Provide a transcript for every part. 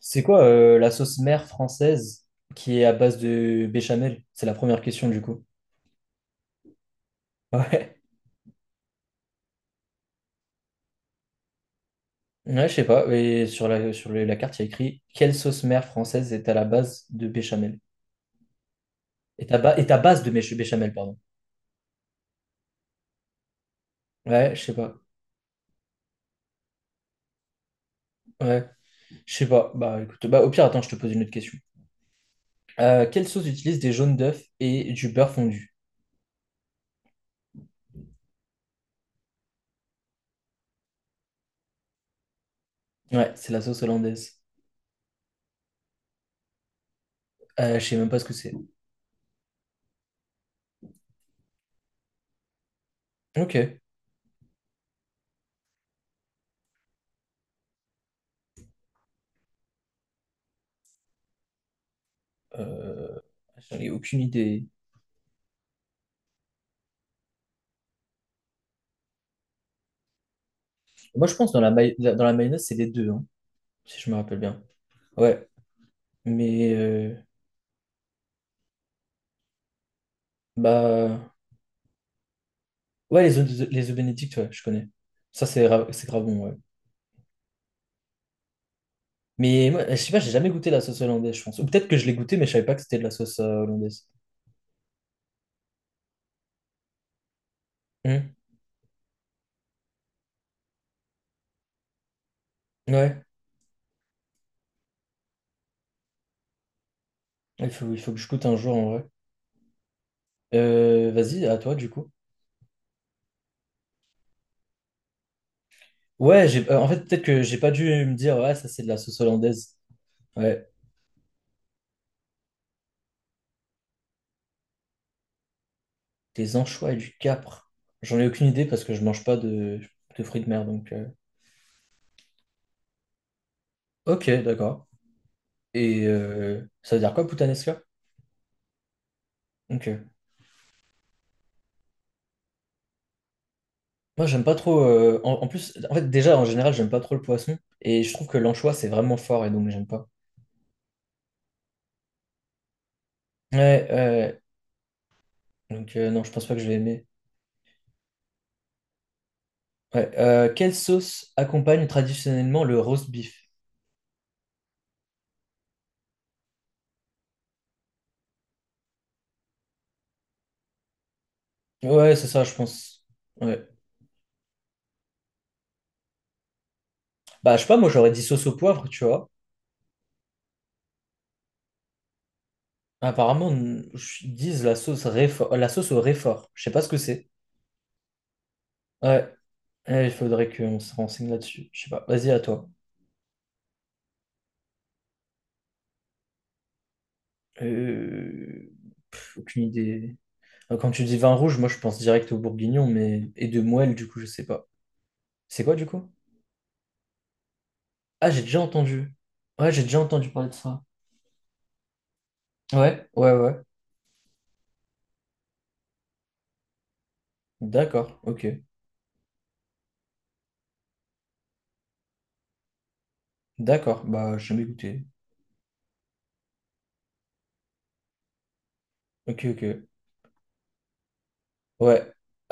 C'est quoi la sauce mère française qui est à base de béchamel? C'est la première question du coup. Ouais, ouais, je sais pas. Et sur la carte, il y a écrit quelle sauce mère française est à la base de béchamel? Est à base de béchamel, pardon. Ouais, je sais pas. Ouais, je sais pas. Bah écoute, bah au pire, attends, je te pose une autre question. Quelle sauce utilise des jaunes d'œufs et du beurre fondu? Ouais, c'est la sauce hollandaise. Je sais même pas ce que c'est. Ok. Euh, J'en ai aucune idée. Moi, je pense que dans dans la mayonnaise, c'est les deux, hein, si je me rappelle bien. Ouais, mais bah ouais, les œufs Benedict, ouais, je connais. Ça c'est grave bon, ouais. Mais moi, je sais pas, j'ai jamais goûté la sauce hollandaise, je pense. Ou peut-être que je l'ai goûté, mais je savais pas que c'était de la sauce hollandaise. Hmm. Ouais, il faut que je goûte un jour en vrai. Vas-y, à toi du coup. Ouais, en fait, peut-être que j'ai pas dû me dire, ouais, ça c'est de la sauce hollandaise. Ouais, des anchois et du capre. J'en ai aucune idée parce que je mange pas de fruits de mer, donc. Ok, d'accord. Et ça veut dire quoi, puttanesca? Ok. Moi, j'aime pas trop. En plus, en fait, déjà, en général, j'aime pas trop le poisson. Et je trouve que l'anchois, c'est vraiment fort et donc j'aime pas. Ouais, ouais. Ouais. Donc, non, je pense pas que je vais aimer. Ouais. Quelle sauce accompagne traditionnellement le roast beef? Ouais, c'est ça, je pense. Ouais. Bah, je sais pas, moi, j'aurais dit sauce au poivre, tu vois. Apparemment, ils disent la sauce au réfort. Je sais pas ce que c'est. Ouais. Ouais, il faudrait qu'on se renseigne là-dessus. Je sais pas. Vas-y, à toi. Euh... Aucune idée. Quand tu dis vin rouge, moi je pense direct au bourguignon, mais et de moelle, du coup, je sais pas. C'est quoi du coup? Ah, j'ai déjà entendu. Ouais, j'ai déjà entendu parler de ça. Ouais, ouais, ouais. D'accord, ok. D'accord, bah je vais goûter. Ok, ok. Ouais.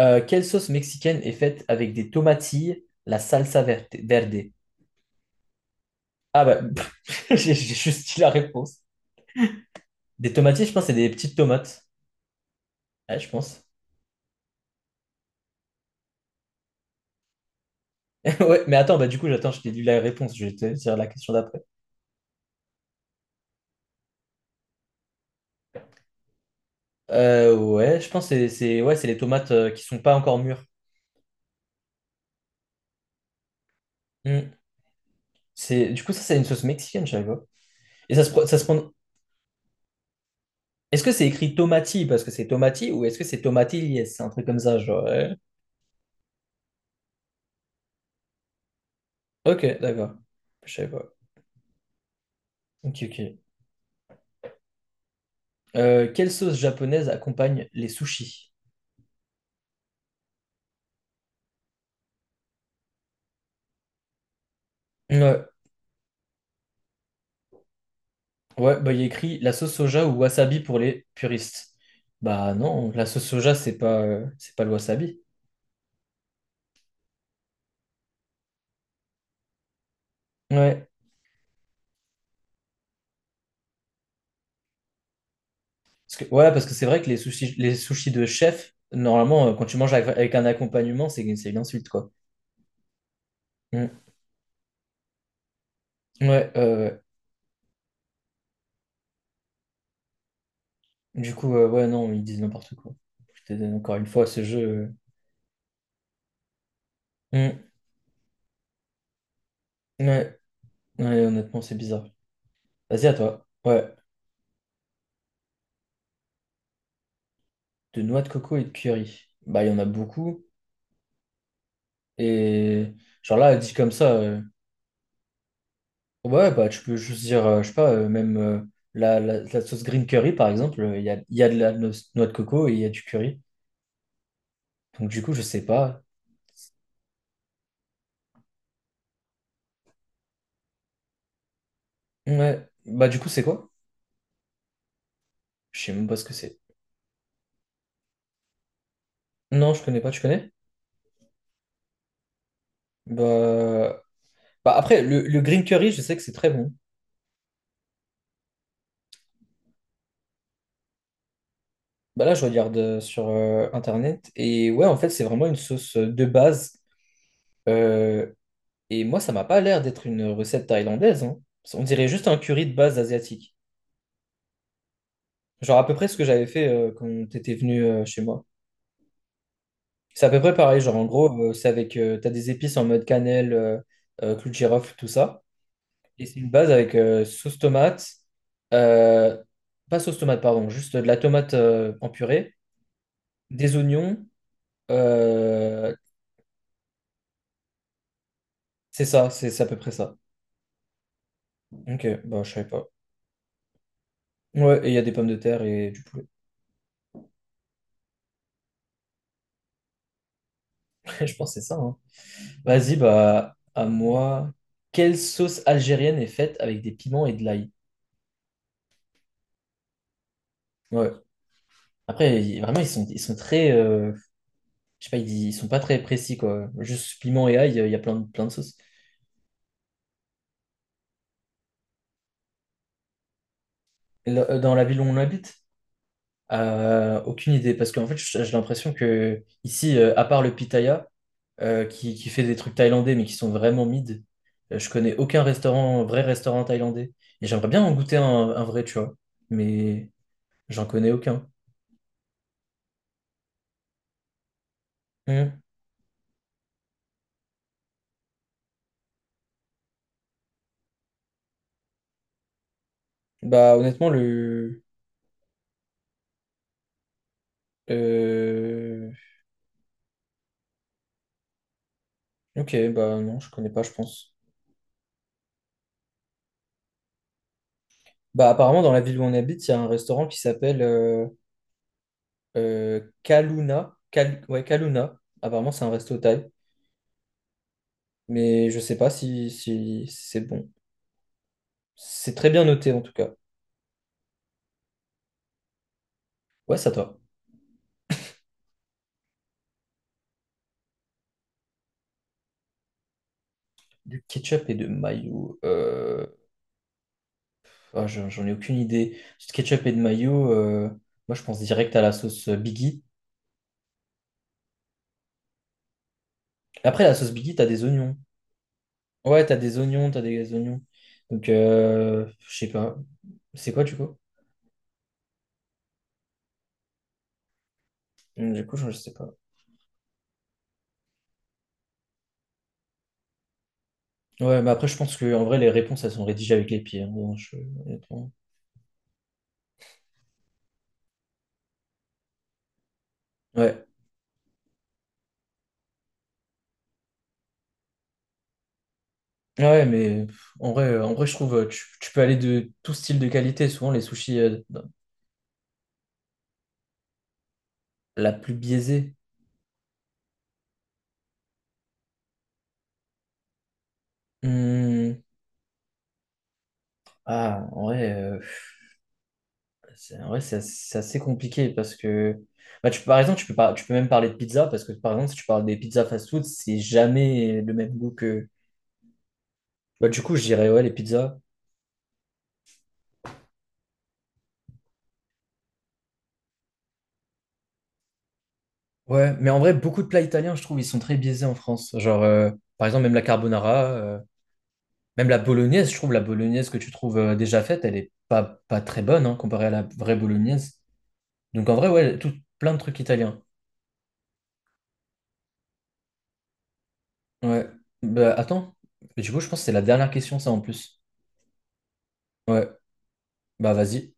Quelle sauce mexicaine est faite avec des tomatilles, la salsa verte, verde? Ah bah, j'ai juste dit la réponse. Des tomatilles, je pense, c'est des petites tomates. Ouais, je pense. Ouais, mais attends, bah du coup, j'attends, je t'ai dit la réponse, je vais te dire la question d'après. Ouais, je pense que ouais, c'est les tomates qui sont pas encore mûres. Hmm. C'est, du coup, ça, c'est une sauce mexicaine, je savais pas. Et ça se prend. Est-ce que c'est écrit tomati parce que c'est tomati ou est-ce que c'est tomatilles? C'est un truc comme ça, genre. Ouais. Ok, d'accord. Je savais pas. Ok, ok. Quelle sauce japonaise accompagne les sushis? Ouais, ouais, bah il y a écrit la sauce soja ou wasabi pour les puristes. Bah non, la sauce soja, c'est pas le wasabi. Ouais. Ouais, parce que c'est vrai que les sushis de chef, normalement, quand tu manges avec un accompagnement, c'est une insulte, quoi. Mm. Ouais, ouais. Du coup, ouais, non, ils disent n'importe quoi. Je te donne encore une fois ce jeu. euh. Mm. Ouais. Ouais, honnêtement, c'est bizarre. Vas-y, à toi. Ouais. De noix de coco et de curry. Bah, il y en a beaucoup. Et genre là, dit comme ça, ouais, bah, tu peux juste dire, je sais pas, même la sauce green curry, par exemple, il y a de la noix de coco et il y a du curry. Donc, du coup, je sais pas. Ouais. Bah du coup, c'est quoi? Je sais même pas ce que c'est. Non, je connais pas, tu connais? Bah, bah, après, le green curry, je sais que c'est très bon. Bah là, je regarde sur Internet. Et ouais, en fait, c'est vraiment une sauce de base. Euh, et moi, ça m'a pas l'air d'être une recette thaïlandaise, hein. On dirait juste un curry de base asiatique. Genre à peu près ce que j'avais fait quand t'étais venu chez moi. C'est à peu près pareil. Genre en gros, c'est t'as des épices en mode cannelle, clou de girofle, tout ça. Et c'est une base avec sauce tomate, euh, pas sauce tomate, pardon, juste de la tomate en purée, des oignons, euh, c'est ça, c'est à peu près ça. Ok, bah je savais pas. Ouais, et il y a des pommes de terre et du poulet. Je pense que c'est ça, hein. Vas-y, bah à moi. Quelle sauce algérienne est faite avec des piments et de l'ail? Ouais. Après, vraiment, ils sont très. Je sais pas, ils sont pas très précis, quoi. Juste piment et ail, il y a plein de sauces. Là, dans la ville où on habite? Aucune idée, parce qu'en fait, j'ai l'impression que ici, à part le Pitaya, qui fait des trucs thaïlandais, mais qui sont vraiment mid, je connais aucun restaurant, vrai restaurant thaïlandais. Et j'aimerais bien en goûter un vrai, tu vois, mais j'en connais aucun. Hmm. Bah, honnêtement. Le. Euh, Ok, bah non, je connais pas, je pense. Bah, apparemment, dans la ville où on habite, il y a un restaurant qui s'appelle Kaluna. Ouais, Kaluna. Apparemment, c'est un resto thaï, mais je sais pas si c'est bon. C'est très bien noté en tout cas. Ouais, ça toi. Du ketchup et de mayo, ah, j'en ai aucune idée. Du ketchup et de mayo, moi je pense direct à la sauce Biggie. Après, la sauce Biggie, t'as des oignons. Ouais, t'as des oignons, t'as des oignons. Donc, je sais pas. C'est quoi du coup? Du coup, je sais pas. Ouais, mais après, je pense que en vrai, les réponses, elles sont rédigées avec les pieds, hein. Bon, honnêtement. Ouais. Ah ouais, mais en vrai, je trouve tu peux aller de tout style de qualité. Souvent, les sushis, la plus biaisée. Hmm, ah, en vrai, c'est en vrai, c'est assez compliqué parce que bah, par exemple, tu peux pas, tu peux même parler de pizza parce que par exemple, si tu parles des pizzas fast-food, c'est jamais le même goût que. Bah, du coup, je dirais ouais, les pizzas. Ouais, mais en vrai, beaucoup de plats italiens, je trouve, ils sont très biaisés en France. Genre, par exemple, même la carbonara. Même la bolognaise, je trouve la bolognaise que tu trouves déjà faite, elle est pas très bonne hein, comparée à la vraie bolognaise. Donc en vrai, ouais, tout, plein de trucs italiens. Ouais. Bah, attends, mais du coup, je pense que c'est la dernière question, ça en plus. Ouais, bah vas-y.